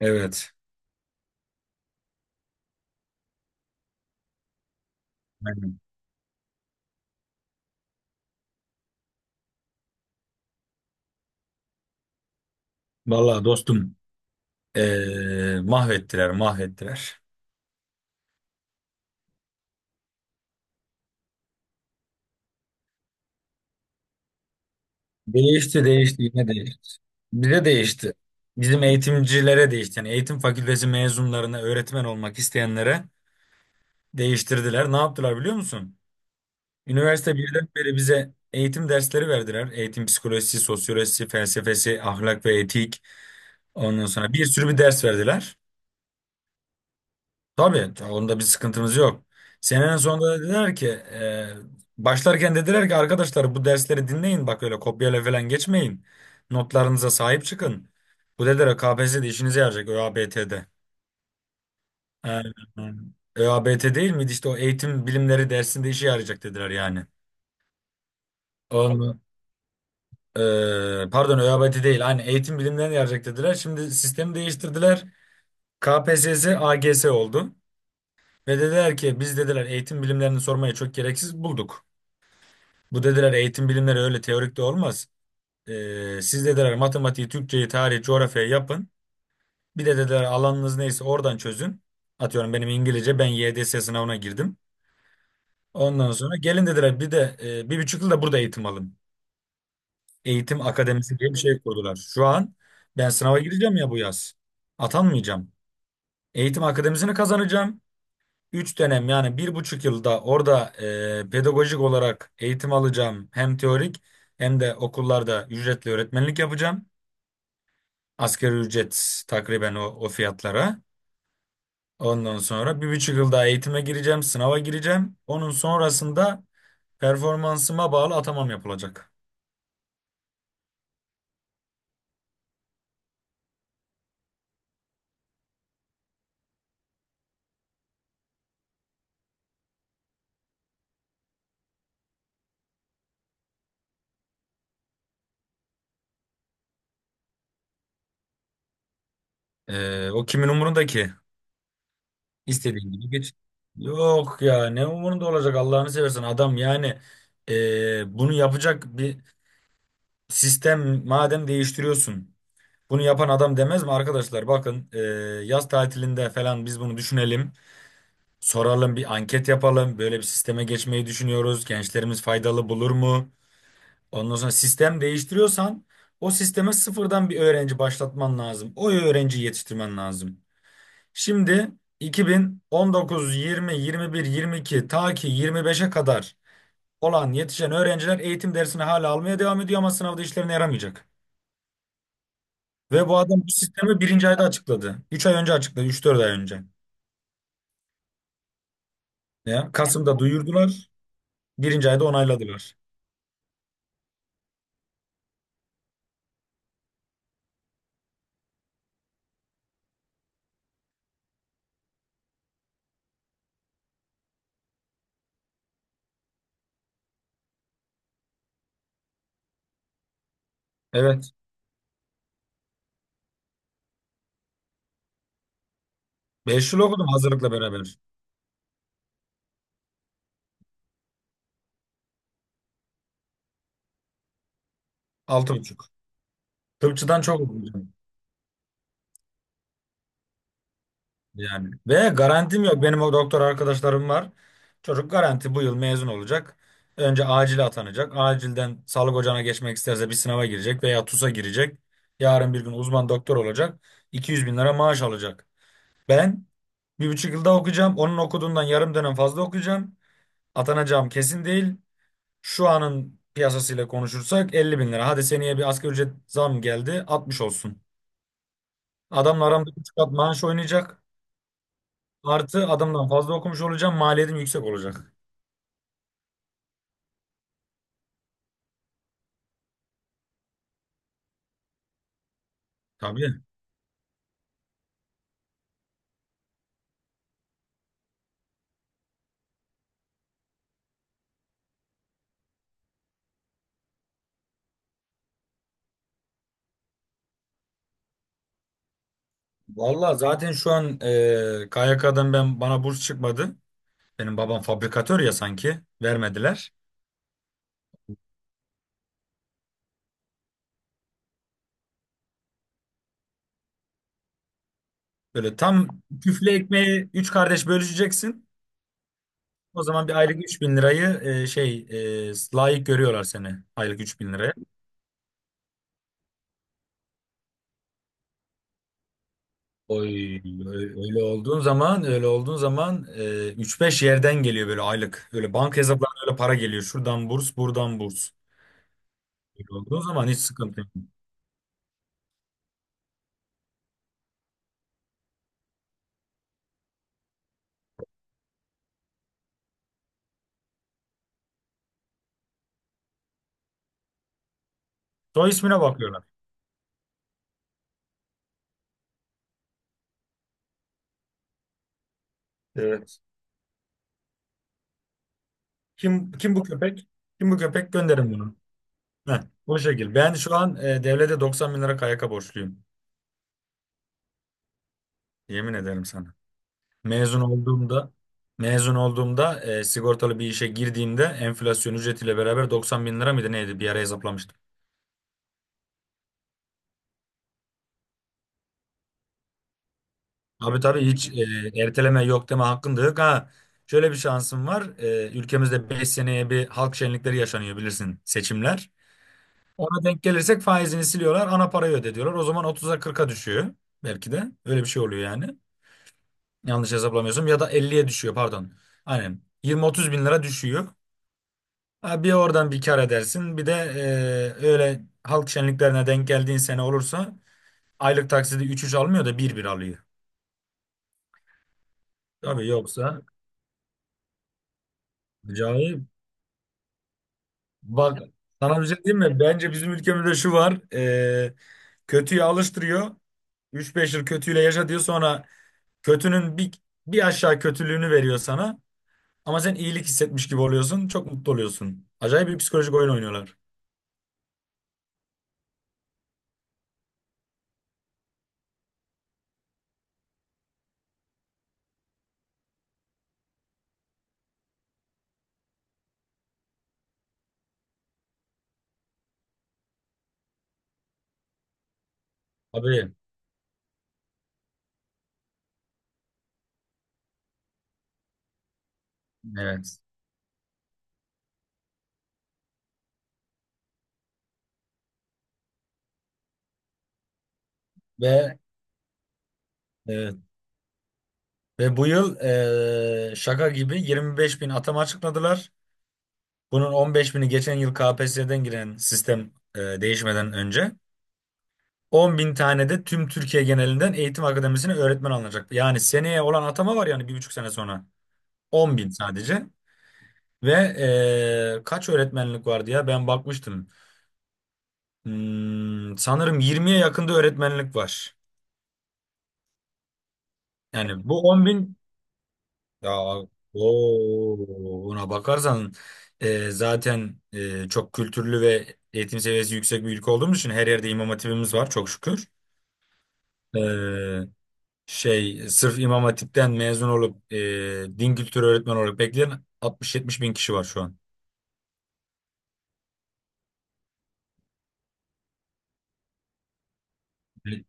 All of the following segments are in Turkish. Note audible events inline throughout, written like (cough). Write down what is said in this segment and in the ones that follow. Evet. Aynen. Vallahi dostum mahvettiler mahvettiler. Değişti değişti yine değişti. Bize değişti. Bizim eğitimcilere değişti. Yani eğitim fakültesi mezunlarına öğretmen olmak isteyenlere değiştirdiler. Ne yaptılar biliyor musun? Üniversite birden beri bize eğitim dersleri verdiler. Eğitim psikolojisi, sosyolojisi, felsefesi, ahlak ve etik. Ondan sonra bir sürü bir ders verdiler. Tabii onda bir sıkıntımız yok. Senenin sonunda dediler ki başlarken dediler ki arkadaşlar bu dersleri dinleyin, bak öyle kopyayla falan geçmeyin. Notlarınıza sahip çıkın. Bu dediler KPSS'de işinize yarayacak, ÖABT'de. Aynen. ÖABT değil miydi, işte o eğitim bilimleri dersinde işe yarayacak dediler yani. Onu, pardon ÖABT değil, hani eğitim bilimlerine yarayacak dediler. Şimdi sistemi değiştirdiler. KPSS AGS oldu. Ve dediler ki biz dediler, eğitim bilimlerini sormaya çok gereksiz bulduk. Bu dediler, eğitim bilimleri öyle teorik de olmaz. Siz dediler, matematiği, Türkçeyi, tarihi, coğrafyayı yapın. Bir de dediler alanınız neyse oradan çözün. Atıyorum benim İngilizce, ben YDS sınavına girdim. Ondan sonra gelin dediler, bir de bir buçuk yıl da burada eğitim alın. Eğitim akademisi diye bir şey kurdular. Şu an ben sınava gireceğim ya bu yaz. Atanmayacağım. Eğitim akademisini kazanacağım. 3 dönem, yani 1,5 yılda orada pedagojik olarak eğitim alacağım, hem teorik hem de okullarda ücretli öğretmenlik yapacağım. Asgari ücret takriben o fiyatlara. Ondan sonra 1,5 yıl daha eğitime gireceğim, sınava gireceğim. Onun sonrasında performansıma bağlı atamam yapılacak. O kimin umurunda ki? İstediğin gibi geç. Yok ya, ne umurunda olacak Allah'ını seversen adam yani, bunu yapacak bir sistem madem değiştiriyorsun. Bunu yapan adam demez mi arkadaşlar? Bakın, yaz tatilinde falan biz bunu düşünelim. Soralım, bir anket yapalım. Böyle bir sisteme geçmeyi düşünüyoruz. Gençlerimiz faydalı bulur mu? Ondan sonra sistem değiştiriyorsan o sisteme sıfırdan bir öğrenci başlatman lazım. O öğrenciyi yetiştirmen lazım. Şimdi 2019, 20, 21, 22, ta ki 25'e kadar olan yetişen öğrenciler eğitim dersini hala almaya devam ediyor ama sınavda işlerine yaramayacak. Ve bu adam bu sistemi birinci ayda açıkladı. 3 ay önce açıkladı. 3-4 ay önce. Ya, Kasım'da duyurdular. Birinci ayda onayladılar. Evet. 5 yıl okudum hazırlıkla beraber. 6,5. Tıpçıdan çok okudum. Yani. Ve garantim yok. Benim o doktor arkadaşlarım var. Çocuk garanti bu yıl mezun olacak. Önce acile atanacak. Acilden sağlık ocağına geçmek isterse bir sınava girecek veya TUS'a girecek. Yarın bir gün uzman doktor olacak. 200.000 lira maaş alacak. Ben 1,5 yılda okuyacağım. Onun okuduğundan yarım dönem fazla okuyacağım. Atanacağım kesin değil. Şu anın piyasasıyla konuşursak 50 bin lira. Hadi seneye bir asgari ücret zam geldi, 60 olsun. Adamla aramda 3 kat maaş oynayacak. Artı adamdan fazla okumuş olacağım. Maliyetim yüksek olacak. Tabii. Vallahi zaten şu an KYK'dan, ben bana burs çıkmadı. Benim babam fabrikatör ya sanki. Vermediler. Böyle tam küflü ekmeği 3 kardeş bölüşeceksin. O zaman bir aylık 3.000 lirayı layık görüyorlar seni, aylık 3.000 liraya. Oy öyle olduğun zaman, 3-5 yerden geliyor böyle aylık. Öyle banka hesaplarına öyle para geliyor. Şuradan burs, buradan burs. Öyle olduğun zaman hiç sıkıntı yok. Soy ismine bakıyorlar. Evet. Kim bu köpek? Kim bu köpek? Gönderin bunu. Heh, bu şekil. Ben şu an devlete 90 bin lira KYK borçluyum. Yemin ederim sana. Mezun olduğumda mezun olduğumda sigortalı bir işe girdiğimde enflasyon ücretiyle beraber 90 bin lira mıydı neydi, bir ara hesaplamıştım. Abi tabii, hiç erteleme yok, deme hakkın da yok. Ha, şöyle bir şansım var. Ülkemizde 5 seneye bir halk şenlikleri yaşanıyor, bilirsin, seçimler. Ona denk gelirsek faizini siliyorlar, ana parayı ödediyorlar. O zaman 30'a, 40'a düşüyor, belki de öyle bir şey oluyor yani. Yanlış hesaplamıyorsam ya da 50'ye düşüyor, pardon. Aynen 20-30 bin lira düşüyor. Ha, bir oradan bir kar edersin. Bir de öyle halk şenliklerine denk geldiğin sene olursa aylık taksidi üç üç almıyor da bir bir alıyor. Tabii yoksa acayip. Bak, sana bir şey diyeyim mi? Bence bizim ülkemizde şu var. Kötüyü alıştırıyor. 3-5 yıl kötüyle yaşa diyor. Sonra kötünün bir aşağı kötülüğünü veriyor sana. Ama sen iyilik hissetmiş gibi oluyorsun. Çok mutlu oluyorsun. Acayip bir psikolojik oyun oynuyorlar. Tabii. Evet. Ve evet. Ve bu yıl şaka gibi 25 bin atama açıkladılar. Bunun 15 bini geçen yıl KPSS'den giren sistem, değişmeden önce. 10 bin tane de tüm Türkiye genelinden eğitim akademisine öğretmen alınacak. Yani seneye olan atama var, yani 1,5 sene sonra. 10 bin sadece. Ve kaç öğretmenlik vardı ya, ben bakmıştım. Sanırım 20'ye yakında öğretmenlik var. Yani bu 10.000. Ya o ona bakarsan, zaten çok kültürlü ve eğitim seviyesi yüksek bir ülke olduğumuz için her yerde imam hatibimiz var, çok şükür. E, Şey sırf imam hatipten mezun olup din kültürü öğretmeni olarak bekleyen 60-70 bin kişi var şu an. E,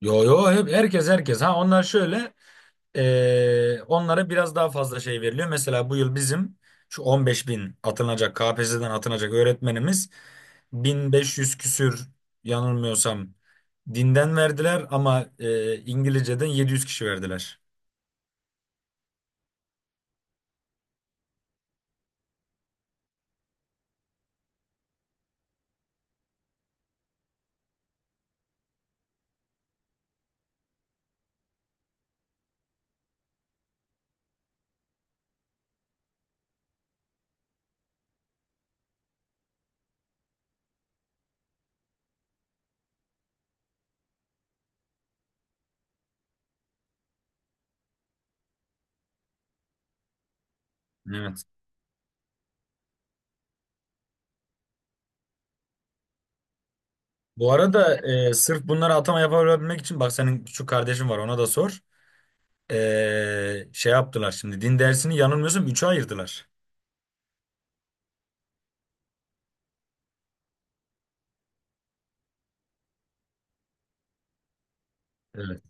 Yo yo, hep herkes herkes. Ha, onlar şöyle. Onlara biraz daha fazla şey veriliyor. Mesela bu yıl bizim şu 15 bin atılacak KPSS'den atılacak öğretmenimiz 1500 küsür, yanılmıyorsam, dinden verdiler ama İngilizceden 700 kişi verdiler. Evet. Bu arada sırf bunlara atama yapabilmek için, bak, senin şu kardeşin var, ona da sor. Şey yaptılar, şimdi din dersini yanılmıyorsam 3'e ayırdılar. Evet.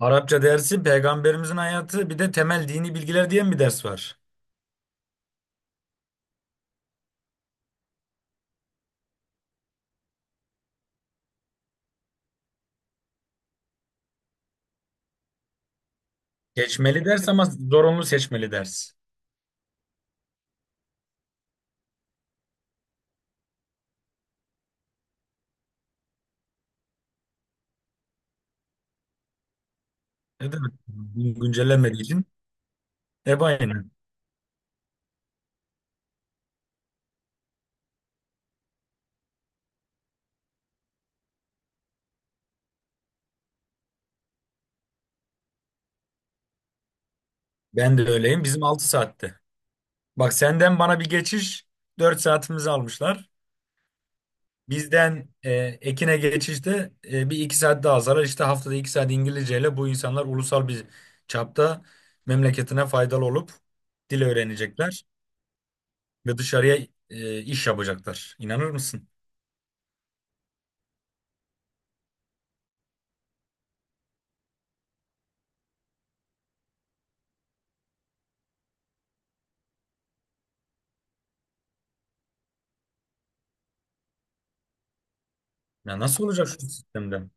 Arapça dersi, peygamberimizin hayatı, bir de temel dini bilgiler diye bir ders var. Geçmeli ders ama zorunlu seçmeli ders. Ne demek? Güncellenmediği için. Hep aynı. Ben de öyleyim. Bizim 6 saatte. Bak, senden bana bir geçiş 4 saatimizi almışlar. Bizden Ekin'e geçişte 1-2 saat daha zarar. İşte haftada 2 saat İngilizceyle bu insanlar ulusal bir çapta memleketine faydalı olup dil öğrenecekler ve dışarıya iş yapacaklar. İnanır mısın? Ya nasıl olacak şu sistemden?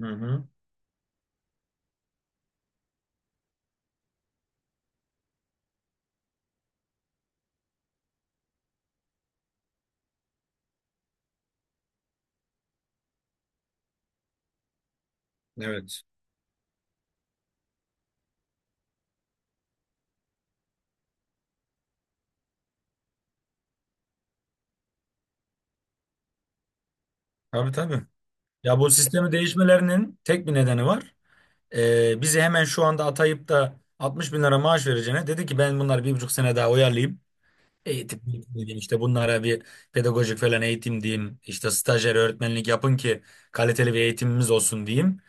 Hı hı. Evet. Tabii tabii. Ya, bu sistemi değişmelerinin tek bir nedeni var. Bizi hemen şu anda atayıp da 60 bin lira maaş vereceğine dedi ki ben bunları 1,5 sene daha oyalayayım. Eğitim, eğitim diyeyim, işte bunlara bir pedagojik falan eğitim diyeyim. İşte stajyer öğretmenlik yapın ki kaliteli bir eğitimimiz olsun diyeyim.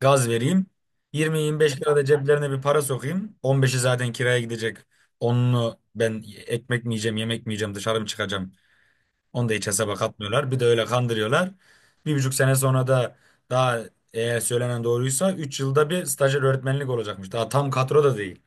Gaz vereyim. 20-25 lira da ceplerine bir para sokayım. 15'i zaten kiraya gidecek. Onunu ben ekmek mi yiyeceğim, yemek mi yiyeceğim, dışarı mı çıkacağım? Onu da hiç hesaba katmıyorlar. Bir de öyle kandırıyorlar. 1,5 sene sonra da, daha, eğer söylenen doğruysa 3 yılda bir stajyer öğretmenlik olacakmış. Daha tam kadro da değil.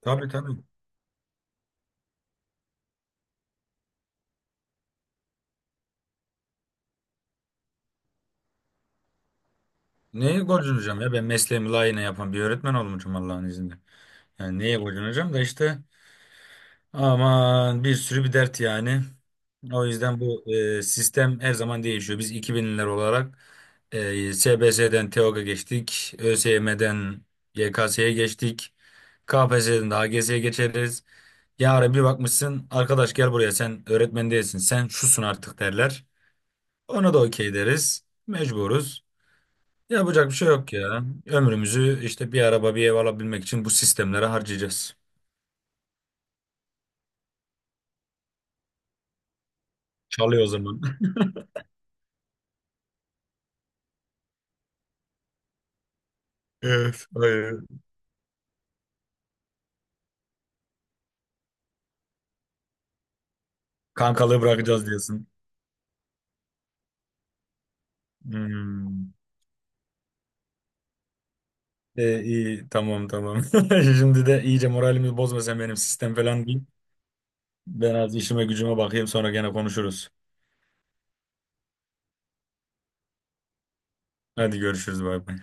Tabii tabii. Neye gocunacağım ya, ben mesleğimi layığına yapan bir öğretmen olmuşum Allah'ın izniyle. Yani neye gocunacağım da işte. Aman, bir sürü bir dert yani. O yüzden bu sistem her zaman değişiyor. Biz 2000'ler olarak SBS'den TEOG'a geçtik. ÖSYM'den YKS'ye geçtik. KPSS'den de AGS'ye geçeriz. Yarın bir bakmışsın, arkadaş gel buraya, sen öğretmen değilsin, sen şusun artık, derler. Ona da okey deriz. Mecburuz. Yapacak bir şey yok ya. Ömrümüzü işte bir araba bir ev alabilmek için bu sistemlere harcayacağız. Çalıyor o zaman. (laughs) Evet, hayır. Kankalığı bırakacağız diyorsun. Hmm. E, iyi tamam tamam. (laughs) Şimdi de iyice moralimi bozma sen benim, sistem falan değil. Ben az işime gücüme bakayım, sonra gene konuşuruz. Hadi görüşürüz, bay bay.